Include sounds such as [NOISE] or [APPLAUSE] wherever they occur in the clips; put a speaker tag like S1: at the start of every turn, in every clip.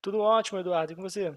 S1: Tudo ótimo, Eduardo. E com você?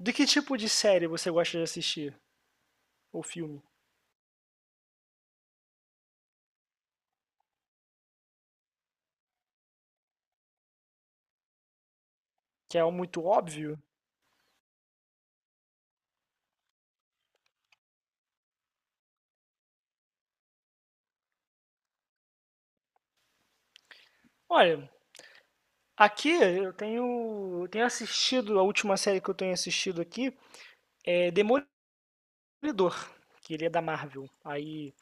S1: De que tipo de série você gosta de assistir? Ou filme? Que é muito óbvio? Olha, aqui eu tenho assistido, a última série que eu tenho assistido aqui é Demolidor, que ele é da Marvel. Aí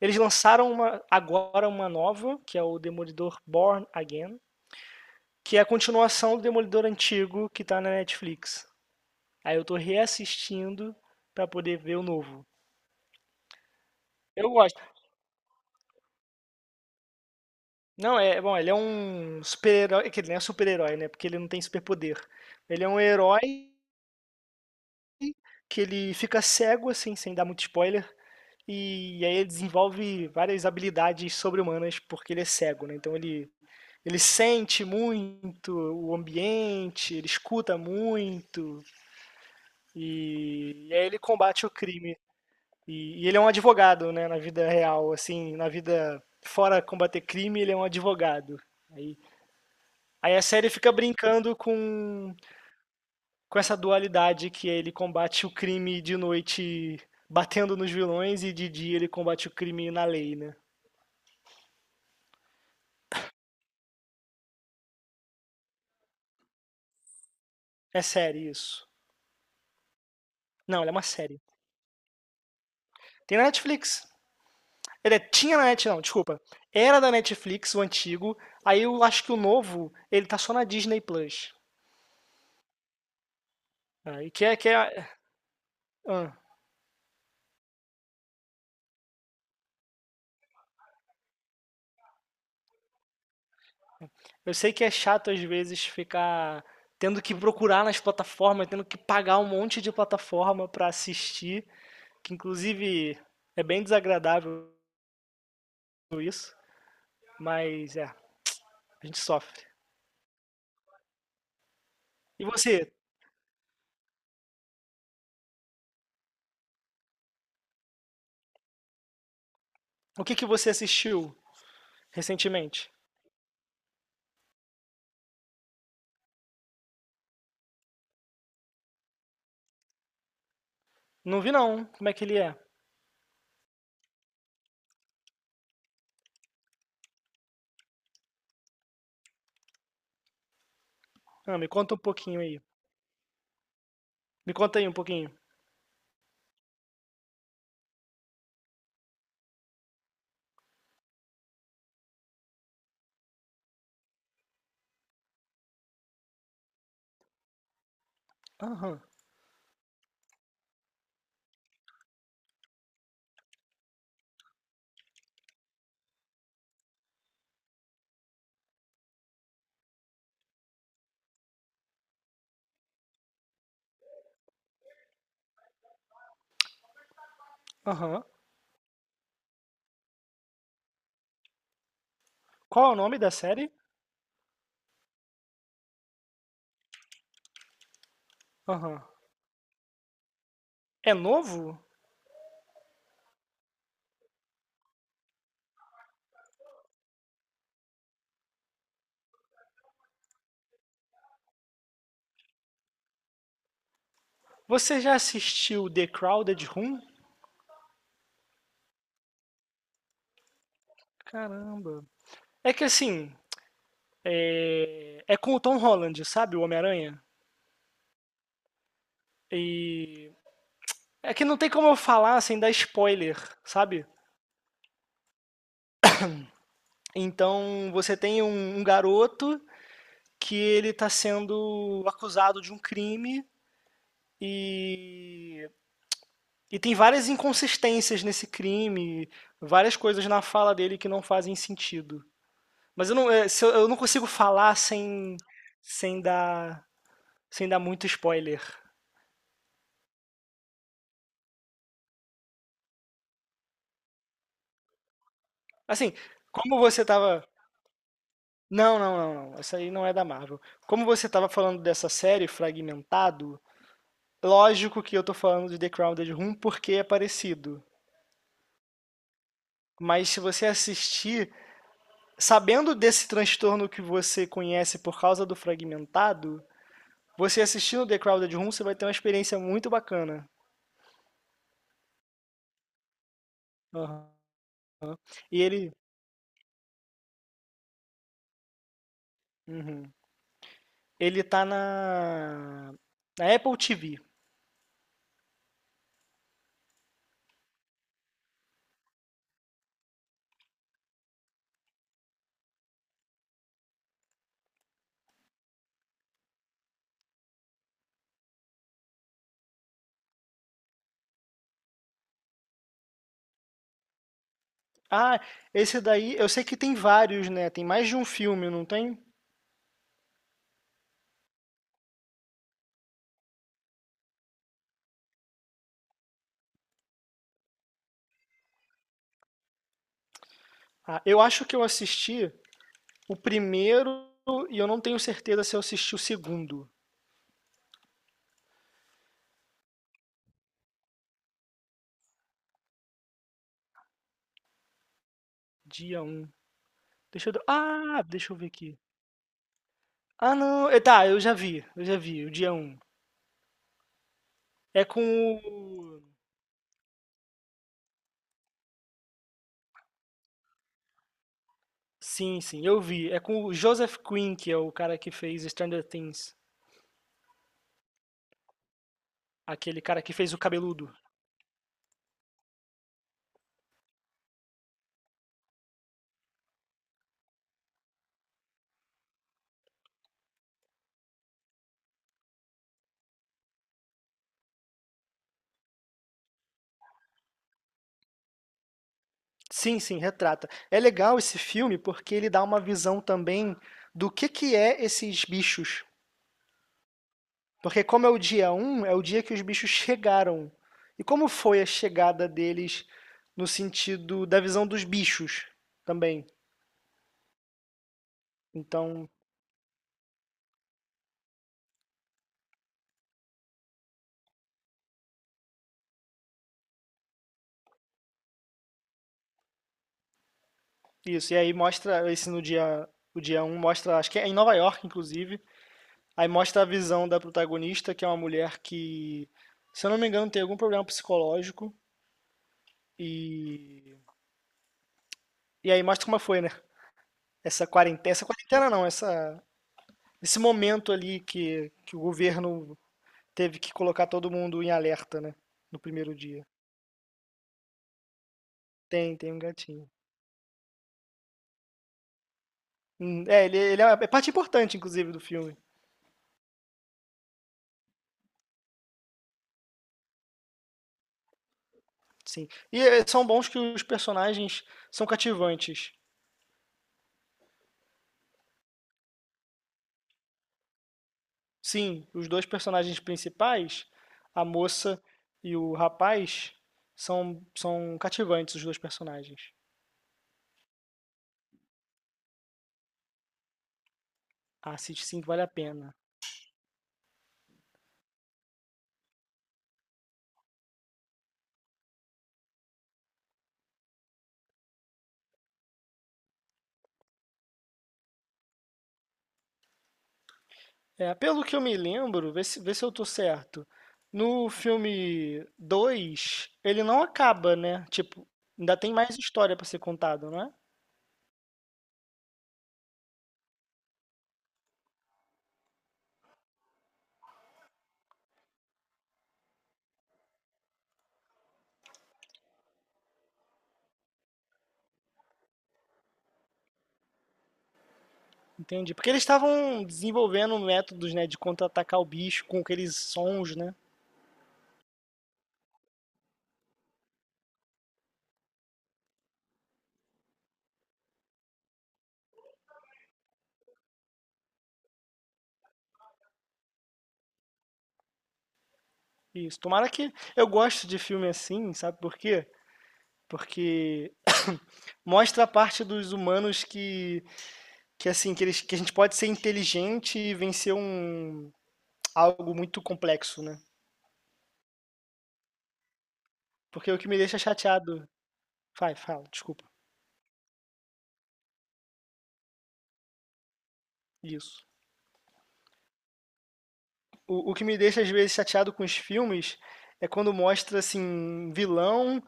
S1: eles lançaram uma, agora uma nova, que é o Demolidor Born Again, que é a continuação do Demolidor antigo que tá na Netflix. Aí eu tô reassistindo pra poder ver o novo. Eu gosto. Não, é, bom, ele é um super-herói, é que ele não é super-herói, né? Porque ele não tem superpoder. Ele é um herói que ele fica cego, assim, sem dar muito spoiler, e aí ele desenvolve várias habilidades sobre-humanas porque ele é cego, né? Então ele sente muito o ambiente, ele escuta muito, e aí ele combate o crime. E ele é um advogado, né? Na vida real, assim, na vida fora combater crime, ele é um advogado. Aí Aí a série fica brincando com essa dualidade que é ele combate o crime de noite batendo nos vilões e de dia ele combate o crime na lei, né? É série isso. Não, ela é uma série. Tem na Netflix. Ele é, tinha na Netflix, não, desculpa. Era da Netflix, o antigo. Aí eu acho que o novo, ele tá só na Disney Plus. Aí que é que é. ah, eu sei que é chato às vezes ficar tendo que procurar nas plataformas, tendo que pagar um monte de plataforma pra assistir. Que inclusive é bem desagradável isso, mas é, a gente sofre. E você, o que, que você assistiu recentemente? Não vi não, como é que ele é? Ah, me conta um pouquinho aí. Me conta aí um pouquinho. Aham, aham. Qual é o nome da série? Aham. É novo? Você já assistiu The Crowded Room? Caramba. É que assim, é com o Tom Holland, sabe? O Homem-Aranha. E é que não tem como eu falar sem dar spoiler, sabe? Então você tem um, um garoto que ele está sendo acusado de um crime e, e tem várias inconsistências nesse crime, várias coisas na fala dele que não fazem sentido. Mas eu não, é, se eu, eu não consigo falar sem, sem dar, sem dar muito spoiler. Assim, como você tava. Não, não, não, não. Essa aí não é da Marvel. Como você tava falando dessa série, Fragmentado, lógico que eu tô falando de The Crowded Room porque é parecido. Mas se você assistir, sabendo desse transtorno que você conhece por causa do fragmentado, você assistindo The Crowded Room, você vai ter uma experiência muito bacana. Uhum. E ele. Uhum. Ele tá na. Na Apple TV. Ah, esse daí, eu sei que tem vários, né? Tem mais de um filme, não tem? Ah, eu acho que eu assisti o primeiro e eu não tenho certeza se eu assisti o segundo. Dia um. Deixa eu. Ah, deixa eu ver aqui. Ah, não. Tá, eu já vi. Eu já vi, o dia um. É com o. Sim, sim, eu vi. É com o Joseph Quinn, que é o cara que fez Stranger Things. Aquele cara que fez o cabeludo. Sim, sim, retrata. É legal esse filme porque ele dá uma visão também do que é esses bichos. Porque como é o dia um, é o dia que os bichos chegaram. E como foi a chegada deles no sentido da visão dos bichos também. Então, isso, e aí mostra esse no dia, o dia um mostra, acho que é em Nova York, inclusive. Aí mostra a visão da protagonista, que é uma mulher que, se eu não me engano, tem algum problema psicológico. E, e aí mostra como foi, né? Essa quarentena não, essa, esse momento ali que o governo teve que colocar todo mundo em alerta, né? No primeiro dia. Tem, tem um gatinho. É, ele é uma- é parte importante, inclusive, do filme. Sim. E são bons que os personagens são cativantes. Sim, os dois personagens principais, a moça e o rapaz, são, são cativantes os dois personagens. A City 5 vale a pena. É, pelo que eu me lembro, vê se eu tô certo. No filme 2 ele não acaba, né? Tipo, ainda tem mais história pra ser contada, não é? Entendi. Porque eles estavam desenvolvendo métodos, né, de contra-atacar o bicho com aqueles sons, né? Isso. Tomara que. Eu gosto de filme assim, sabe por quê? Porque [COUGHS] mostra a parte dos humanos que assim, que, eles, que a gente pode ser inteligente e vencer um, algo muito complexo, né? Porque o que me deixa chateado. Vai, fala, desculpa. Isso. O que me deixa, às vezes, chateado com os filmes é quando mostra, assim, vilão.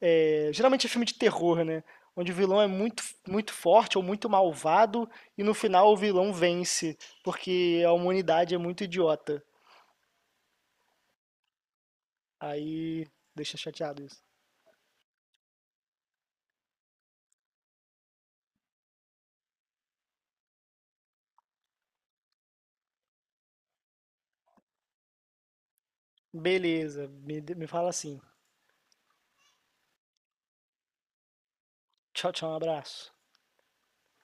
S1: É, geralmente é filme de terror, né? Onde o vilão é muito, muito forte ou muito malvado e no final o vilão vence, porque a humanidade é muito idiota. Aí deixa chateado isso. Beleza, me fala assim. Tchau, tchau, um abraço.